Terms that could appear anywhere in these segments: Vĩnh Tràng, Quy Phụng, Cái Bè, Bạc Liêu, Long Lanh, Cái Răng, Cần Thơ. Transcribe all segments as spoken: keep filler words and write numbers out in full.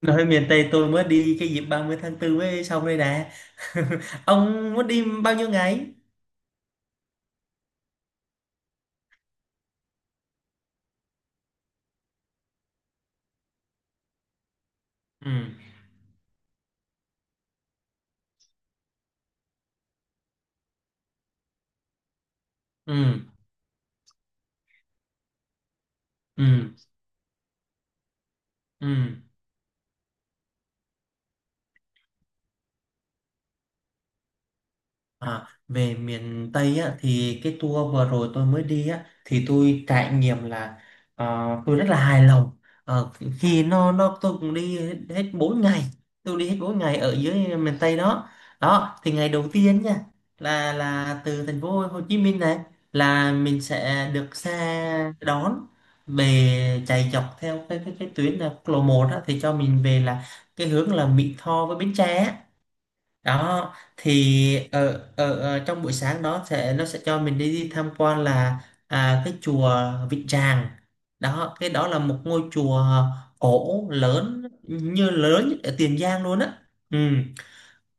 Nói miền Tây tôi mới đi cái dịp ba mươi tháng 4 mới xong đây nè. Ông muốn đi bao nhiêu ngày? Ừ, ừ, ừ, ừ. À, về miền Tây á, thì cái tour vừa rồi tôi mới đi á, thì tôi trải nghiệm là ờ, tôi rất là hài lòng. Ờ, Khi nó nó tôi cũng đi hết bốn ngày, tôi đi hết bốn ngày ở dưới miền Tây đó. Đó thì ngày đầu tiên nha, là là từ Thành phố Hồ Chí Minh này, là mình sẽ được xe đón về, chạy dọc theo cái cái, cái tuyến là quốc lộ một á, thì cho mình về là cái hướng là Mỹ Tho với Bến Tre á. Đó thì ở, ở, ở trong buổi sáng đó sẽ nó sẽ cho mình đi, đi tham quan là à, cái chùa Vĩnh Tràng. Đó, cái đó là một ngôi chùa cổ lớn, như lớn nhất ở Tiền Giang luôn á. Ừ.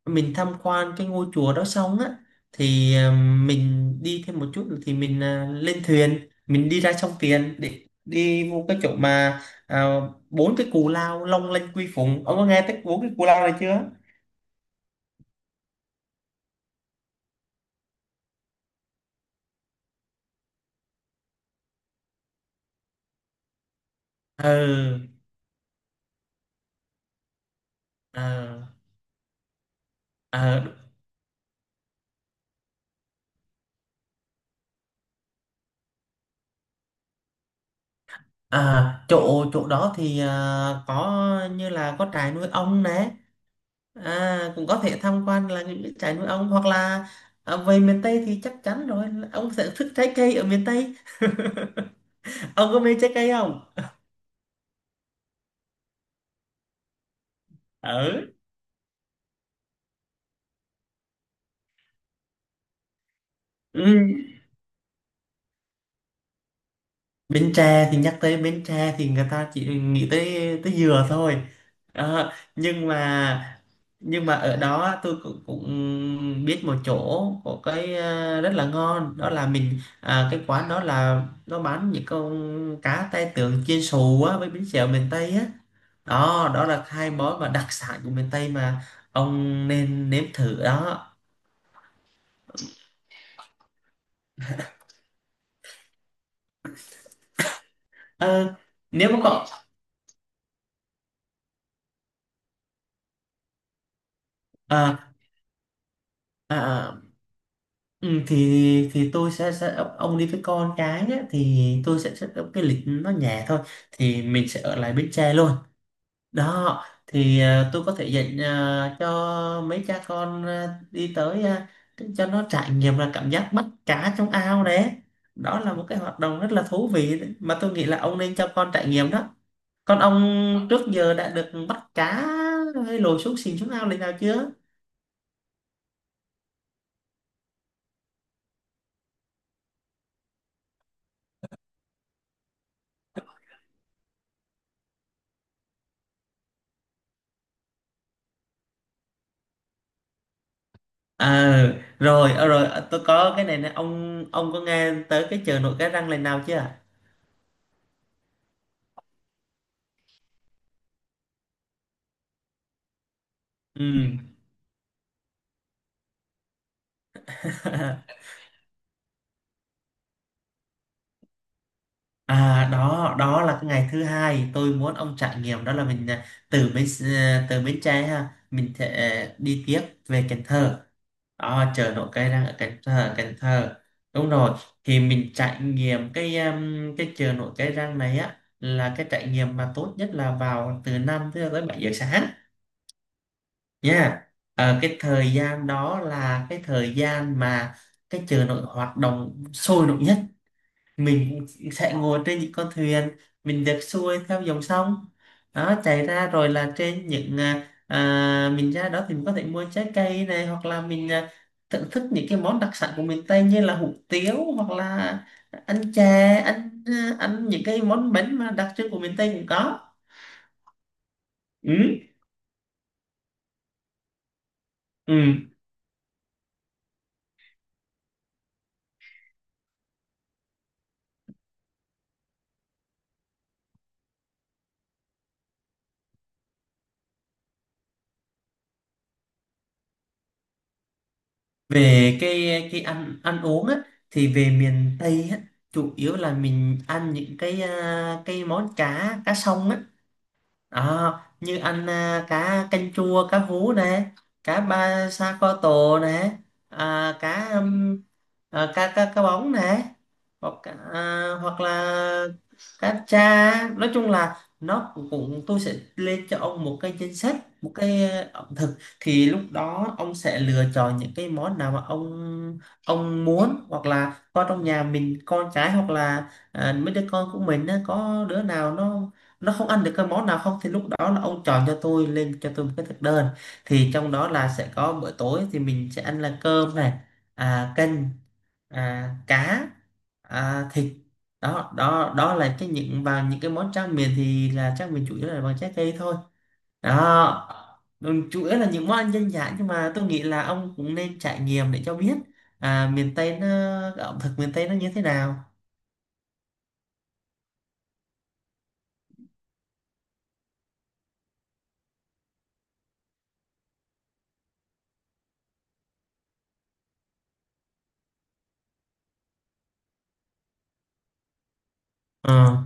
Mình tham quan cái ngôi chùa đó xong á thì à, mình đi thêm một chút nữa, thì mình à, lên thuyền, mình đi ra sông Tiền để đi vô cái chỗ mà à, bốn cái cù lao Long Lanh Quy Phụng. Ông có nghe tới bốn cái cù lao này chưa? Ừ. ờ À, à chỗ chỗ đó thì à, có, như là có trại nuôi ong nè, à, cũng có thể tham quan là những cái trại nuôi ong, hoặc là à, về miền Tây thì chắc chắn rồi là ông sẽ thích trái cây ở miền Tây. Ông có mê trái cây không? Ừ. Ừ. Bến Tre thì, nhắc tới Bến Tre thì người ta chỉ nghĩ tới tới dừa thôi. Ờ, nhưng mà nhưng mà ở đó tôi cũng, cũng biết một chỗ có cái ờ, rất là ngon, đó là mình à, cái quán đó là nó bán những con cá tai tượng chiên xù á với bánh xèo miền Tây á. Đó, đó là hai món mà đặc sản của miền Tây mà, ông nên nếm thử đó. Ờ, Nếu mà có à, à, à, Ừ, thì thì tôi sẽ set ông đi với con cái nhé, thì tôi sẽ set up cái lịch nó nhẹ thôi. Thì mình sẽ ở lại Bến Tre luôn. Đó thì ờ, tôi có thể dạy ờ, cho mấy cha con ờ, đi tới, ờ, cho nó trải nghiệm là cảm giác bắt cá trong ao đấy. Đó là một cái hoạt động rất là thú vị đấy, mà tôi nghĩ là ông nên cho con trải nghiệm đó. Con ông trước giờ đã được bắt cá hay lội xuống xìn, xuống ao lần nào chưa? À, rồi, ờ, rồi, ờ, tôi có cái này nè, ông ông có nghe tới cái chợ nổi Cái Răng lần nào chưa? Ừ. À, đó, đó là cái ngày thứ hai tôi muốn ông trải nghiệm, đó là mình à, từ Bến à, từ Bến Tre ha, mình sẽ à, đi tiếp về Cần Thơ. Đó, chợ nổi Cái Răng ở Cần Thơ, Cần Thơ. Đúng rồi, thì mình trải nghiệm cái um, cái chợ nổi Cái Răng này á, là cái trải nghiệm mà tốt nhất là vào từ năm tới bảy giờ sáng nha. Ờ, cái thời gian đó là cái thời gian mà cái chợ nổi hoạt động sôi động nhất. Mình sẽ ngồi trên những con thuyền, mình được xuôi theo dòng sông đó chảy ra, rồi là trên những à, à, mình ra đó thì mình có thể mua trái cây này, hoặc là mình à, thưởng thức những cái món đặc sản của miền Tây như là hủ tiếu, hoặc là ăn chè, ăn à, ăn những cái món bánh mà đặc trưng của miền Tây cũng có. Ừ. Ừ. Về cái cái ăn ăn uống á, thì về miền Tây á, chủ yếu là mình ăn những cái à, cái món cá cá sông á. Đó, như ăn à, cá canh chua, cá hú này, cá ba sa co tổ này, à, cá. Ờ, cá cá cá bóng này hoặc à, hoặc là cá tra. Nói chung là nó cũng cũng- tôi sẽ lên cho ông một cái danh sách, một cái ờ, ẩm thực. Thì lúc đó ông sẽ lựa chọn những cái món nào mà ông ông muốn, hoặc là con trong nhà mình, con cái, hoặc là à, mấy đứa con của mình á, có đứa nào nó nó không ăn được cái món nào không, thì lúc đó là ông chọn cho tôi, lên cho tôi một cái thực đơn. Thì trong đó là sẽ có bữa tối, thì mình sẽ ăn là cơm này, à, canh, à, cá, à, thịt. Đó, đó, đó là cái những, và những cái món tráng miệng thì là tráng miệng chủ yếu là bằng trái cây thôi đó. Ừ, chủ yếu là những món ăn dân dã, nhưng mà tôi nghĩ là ông cũng nên trải nghiệm để cho biết à, miền Tây nó, ẩm thực miền Tây nó như thế nào. Ờ.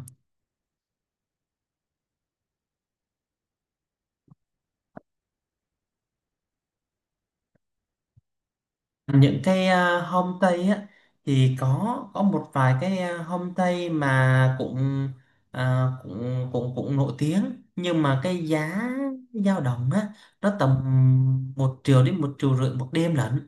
Những cái à, homestay á thì có có một vài cái à, homestay mà cũng à, cũng cũng cũng nổi tiếng, nhưng mà cái giá dao động á, nó tầm một triệu đến một triệu rưỡi một đêm lận.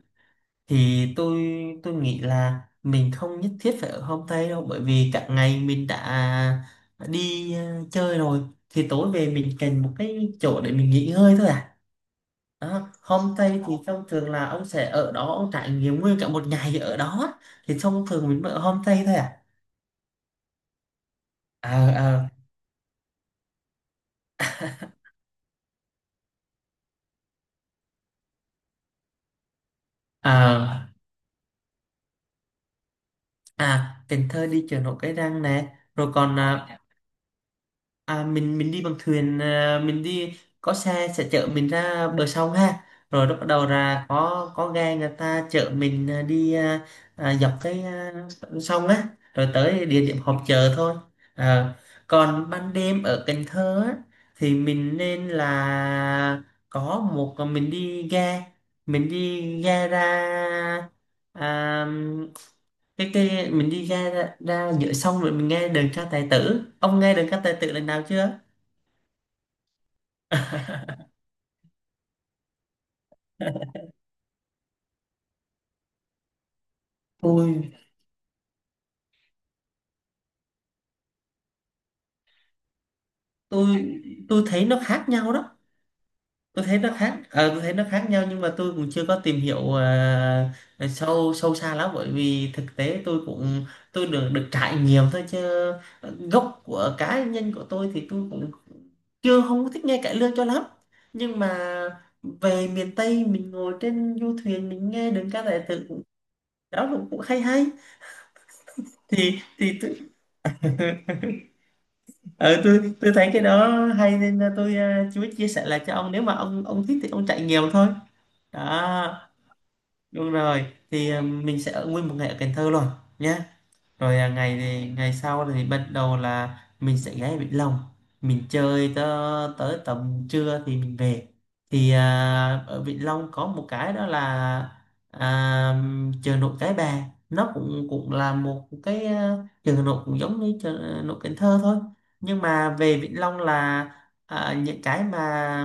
Thì tôi tôi nghĩ là mình không nhất thiết phải ở homestay đâu, bởi vì cả ngày mình đã đi à, chơi rồi, thì tối về mình cần một cái chỗ để mình nghỉ ngơi thôi à. À, homestay thì thông thường là ông sẽ ở đó, ông trải nghiệm nguyên cả một ngày ở đó, thì thông thường mình mới ở homestay thôi à à à à, à Cần Thơ đi chợ nổi Cái Răng nè, rồi còn à, À, mình mình đi bằng thuyền à, mình đi có xe sẽ chở mình ra bờ sông ha, rồi lúc bắt đầu là có có ghe người ta chở mình à, đi à, à, dọc cái à, sông á, rồi tới địa điểm họp chợ thôi. Ờ, còn ban đêm ở Cần Thơ á, thì mình nên là có một, mình đi ghe, mình đi ghe ra à, cái cái mình đi ra ra, ra giữa sông rồi mình nghe đờn ca tài tử. Ông nghe đờn ca tài tử lần nào chưa? Ôi, tôi tôi thấy nó khác nhau đó. Tôi thấy nó khác, ờ, tôi thấy nó khác nhau, nhưng mà tôi cũng chưa có tìm hiểu à, sâu, sâu xa lắm, bởi vì thực tế tôi cũng, tôi được được trải nghiệm thôi, chứ gốc của cá nhân của tôi thì tôi cũng chưa, không có thích nghe cải lương cho lắm. Nhưng mà về miền Tây mình ngồi trên du thuyền, mình nghe đơn ca tài tử cũng, đó cũng, cũng hay hay, thì thì tôi. Ừ, tôi tôi thấy cái đó hay, nên là tôi à, chú ý chia sẻ lại cho ông, nếu mà ông ông thích thì ông chạy nhiều thôi đó. Đúng rồi. Thì à, mình sẽ ở nguyên một ngày ở Cần Thơ luôn nhé. Rồi à, ngày thì ngày sau thì bắt đầu là mình sẽ ghé Vĩnh Long, mình chơi tớ, tới tầm trưa thì mình về. Thì à, ở Vĩnh Long có một cái đó là à, chợ nổi Cái Bè, nó cũng cũng là một cái à, chợ nổi cũng giống như chợ nổi Cần Thơ thôi. Nhưng mà về Vĩnh Long là à, những cái mà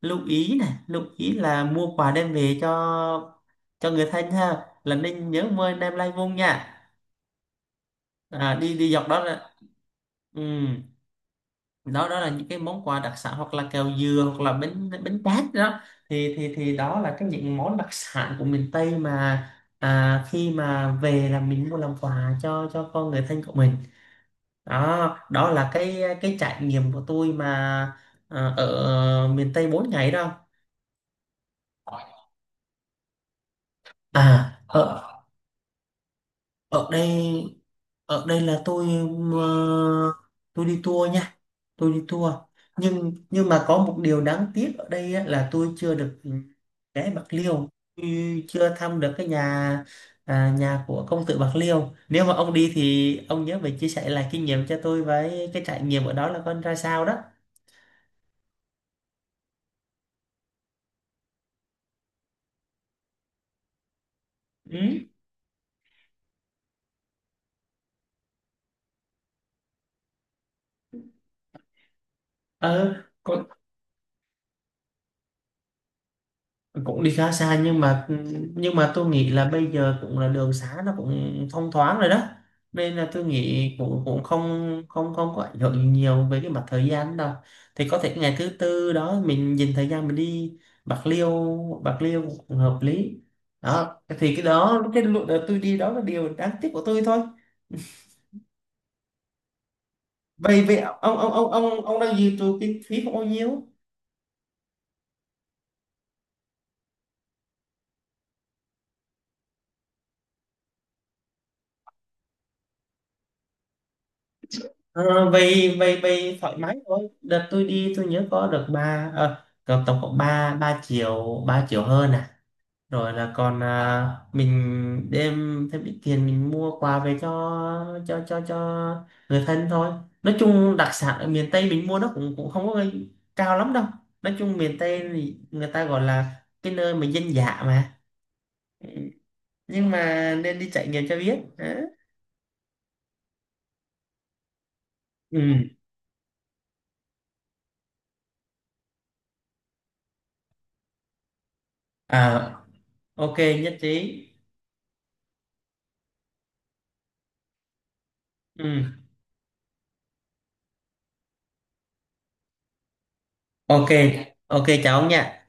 lưu ý này, lưu ý là mua quà đem về cho cho người thân ha, là nên nhớ mời anh em lai vung nha. à, đi đi dọc đó là. Ừ. Đó, đó là những cái món quà đặc sản, hoặc là kẹo dừa, hoặc là bánh bánh tét đó, thì thì thì đó là cái những món đặc sản của miền Tây mà. À, khi mà về là mình mua làm quà cho cho con người thân của mình. Đó, đó là cái cái trải nghiệm của tôi mà, à, ở miền Tây bốn ngày đó. À, ở, ở đây ở đây là tôi, ờ, tôi đi tour nha. Tôi đi tour. Nhưng nhưng mà có một điều đáng tiếc ở đây á, là tôi chưa được ghé Bạc Liêu. Tôi chưa thăm được cái nhà à, nhà của công tử Bạc Liêu. Nếu mà ông đi thì ông nhớ phải chia sẻ lại kinh nghiệm cho tôi với cái trải nghiệm ở đó là con ra sao đó. Ừ. ờ Có, cũng đi khá xa, nhưng mà nhưng mà tôi nghĩ là bây giờ cũng là đường xá nó cũng thông thoáng rồi đó, nên là tôi nghĩ cũng cũng không không không có ảnh hưởng gì nhiều về cái mặt thời gian đâu. Thì có thể ngày thứ tư đó mình dành thời gian mình đi Bạc Liêu. Bạc Liêu cũng hợp lý. Đó thì cái đó, cái lượt đợt tôi đi đó, là điều đáng tiếc của tôi thôi. Vậy vậy ông ông ông ông ông đang dự trù kinh phí không, bao nhiêu? Ờ, vậy vậy vậy thoải mái thôi. Đợt tôi đi tôi nhớ có được ba ờ, có tổng cộng ba ba triệu ba triệu hơn à. Rồi là còn à, mình đem thêm ít tiền, mình mua quà về cho cho cho cho người thân thôi. Nói chung đặc sản ở miền Tây mình mua nó cũng cũng không có cao lắm đâu. Nói chung miền Tây thì người ta gọi là cái nơi mà dân dã mà. Ừ, nhưng mà nên đi trải nghiệm cho biết. Đó. Ừ. à ok, nhất trí. Ừ. Ok, ok cháu nha.